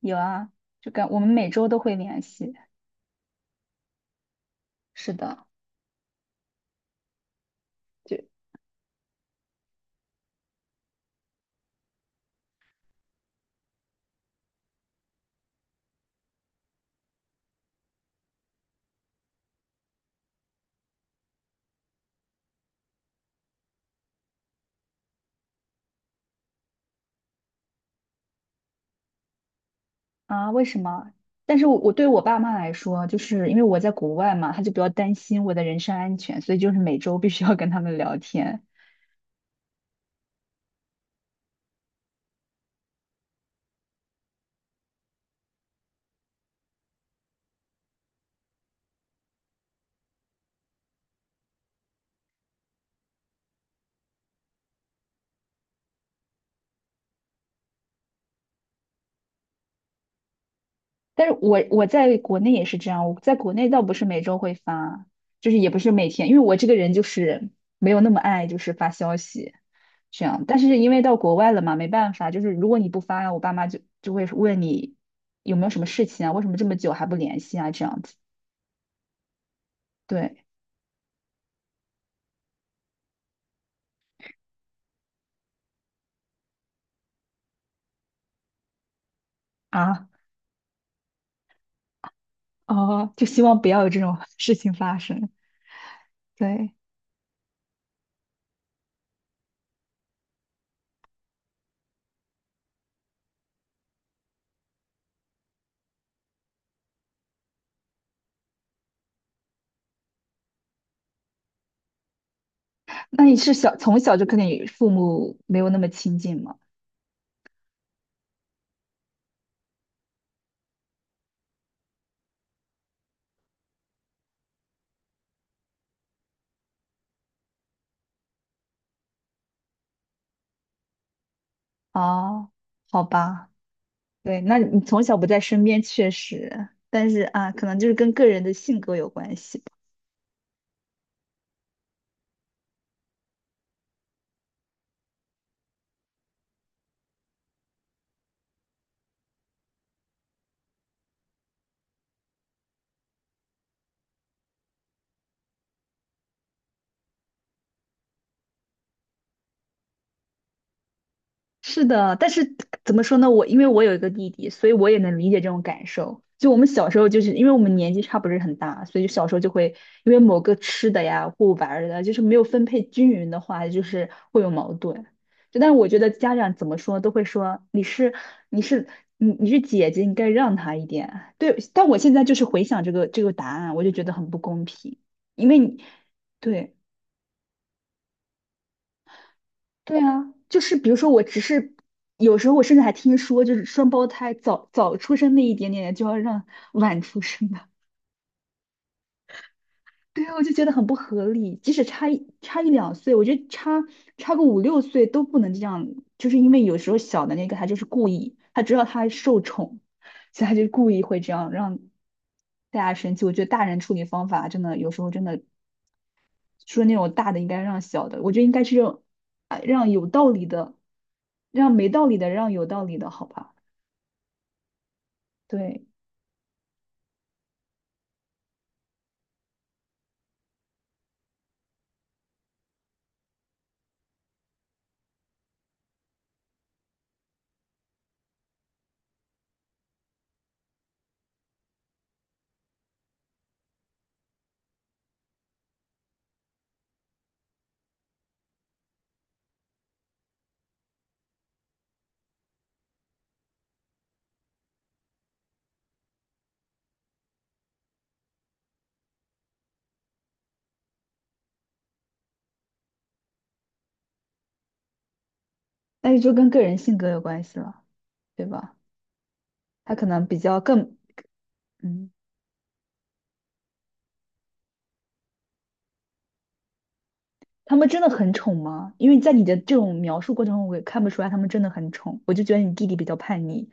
有啊，就跟我们每周都会联系。是的。就啊，为什么？但是我对我爸妈来说，就是因为我在国外嘛，他就比较担心我的人身安全，所以就是每周必须要跟他们聊天。但是我在国内也是这样，我在国内倒不是每周会发，就是也不是每天，因为我这个人就是没有那么爱就是发消息这样。但是因为到国外了嘛，没办法，就是如果你不发，我爸妈就会问你有没有什么事情啊，为什么这么久还不联系啊这样子。对啊，哦，就希望不要有这种 事情发生。对，那你是从小就跟你父母没有那么亲近吗？哦，好吧，对，那你从小不在身边确实，但是啊，可能就是跟个人的性格有关系。是的，但是怎么说呢？我因为我有一个弟弟，所以我也能理解这种感受。就我们小时候，就是因为我们年纪差不是很大，所以就小时候就会因为某个吃的呀或玩儿的，就是没有分配均匀的话，就是会有矛盾。就但是我觉得家长怎么说都会说你是你是姐姐，你该让他一点。对，但我现在就是回想这个答案，我就觉得很不公平，因为你对。对啊，就是比如说，我只是有时候我甚至还听说，就是双胞胎早早出生那一点点就要让晚出生的，对啊，我就觉得很不合理。即使差两岁，我觉得差个五六岁都不能这样，就是因为有时候小的那个他就是故意，他知道他受宠，所以他就故意会这样让大家生气。我觉得大人处理方法真的有时候真的说那种大的应该让小的，我觉得应该是让啊让有道理的，让没道理的让有道理的，好吧？对，但是就跟个人性格有关系了，对吧？他可能比较更嗯，他们真的很宠吗？因为在你的这种描述过程中，我也看不出来他们真的很宠，我就觉得你弟弟比较叛逆。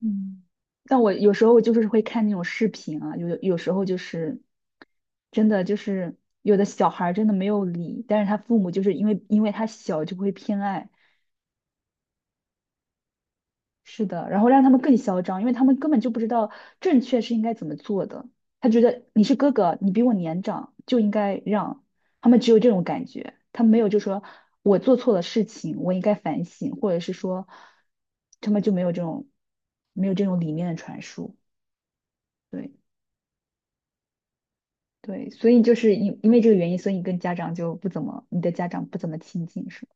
嗯，但我有时候就是会看那种视频啊，有时候就是真的就是有的小孩儿真的没有理，但是他父母就是因为他小就会偏爱，是的，然后让他们更嚣张，因为他们根本就不知道正确是应该怎么做的。他觉得你是哥哥，你比我年长，就应该让。他们只有这种感觉，他们没有就说我做错了事情，我应该反省，或者是说他们就没有这种理念的传输。对对，所以就是因为这个原因，所以你跟家长就不怎么，你的家长不怎么亲近，是吗？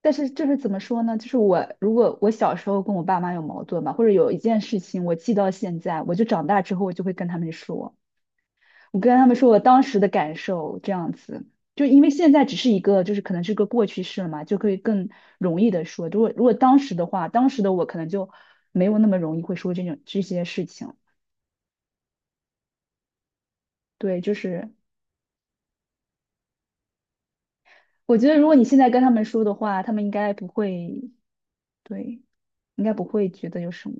但是就是怎么说呢？就是我如果我小时候跟我爸妈有矛盾吧，或者有一件事情我记到现在，我就长大之后我就会跟他们说，我跟他们说我当时的感受这样子，就因为现在只是一个就是可能是个过去式了嘛，就可以更容易的说。如果当时的话，当时的我可能就没有那么容易会说这些事情。对，就是我觉得如果你现在跟他们说的话，他们应该不会，对，应该不会觉得有什么。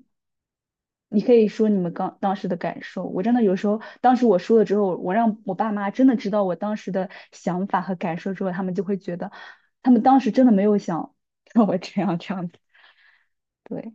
你可以说你们刚当时的感受。我真的有时候，当时我说了之后，我让我爸妈真的知道我当时的想法和感受之后，他们就会觉得，他们当时真的没有想让我这样子。对。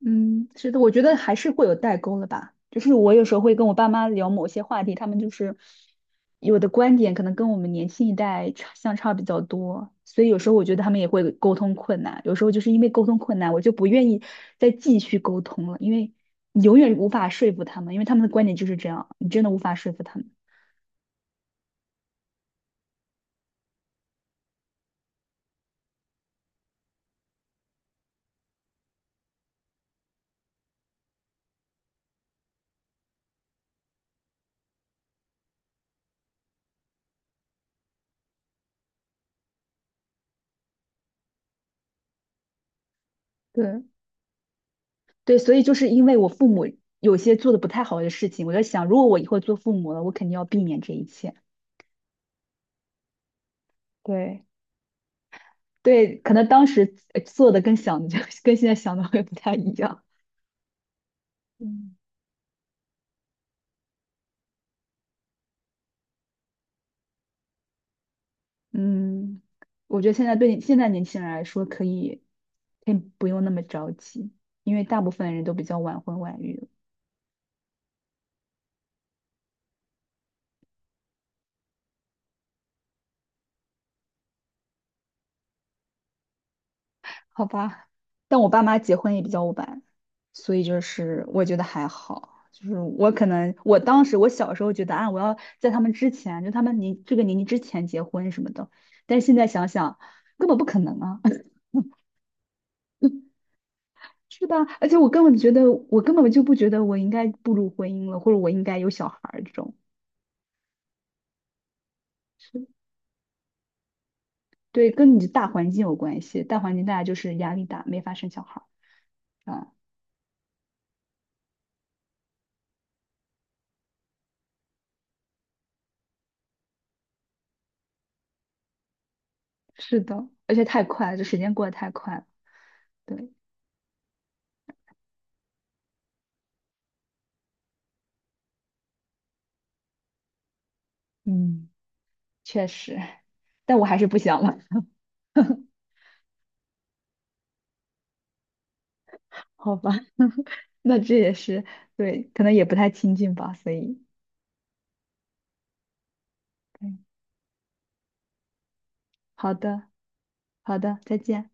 嗯，是的，我觉得还是会有代沟了吧。就是我有时候会跟我爸妈聊某些话题，他们就是有的观点可能跟我们年轻一代相差比较多，所以有时候我觉得他们也会沟通困难。有时候就是因为沟通困难，我就不愿意再继续沟通了，因为你永远无法说服他们，因为他们的观点就是这样，你真的无法说服他们。对对，所以就是因为我父母有些做的不太好的事情，我在想，如果我以后做父母了，我肯定要避免这一切。对。对，可能当时做的跟想的就 跟现在想的会不太一样。嗯，嗯，我觉得现在对现在年轻人来说，可以不用那么着急，因为大部分人都比较晚婚晚育了好吧？但我爸妈结婚也比较晚，所以就是我觉得还好。就是我可能我当时我小时候觉得啊，我要在他们之前，就他们年这个年纪之前结婚什么的，但是现在想想根本不可能啊。是的，而且我根本觉得，我根本就不觉得我应该步入婚姻了，或者我应该有小孩儿这种。是对，跟你的大环境有关系，大环境大家就是压力大，没法生小孩儿。啊，是的，而且太快了，这时间过得太快了。对，嗯，确实，但我还是不想了。好吧，那这也是，对，可能也不太亲近吧，所以，对，好的，好的，再见。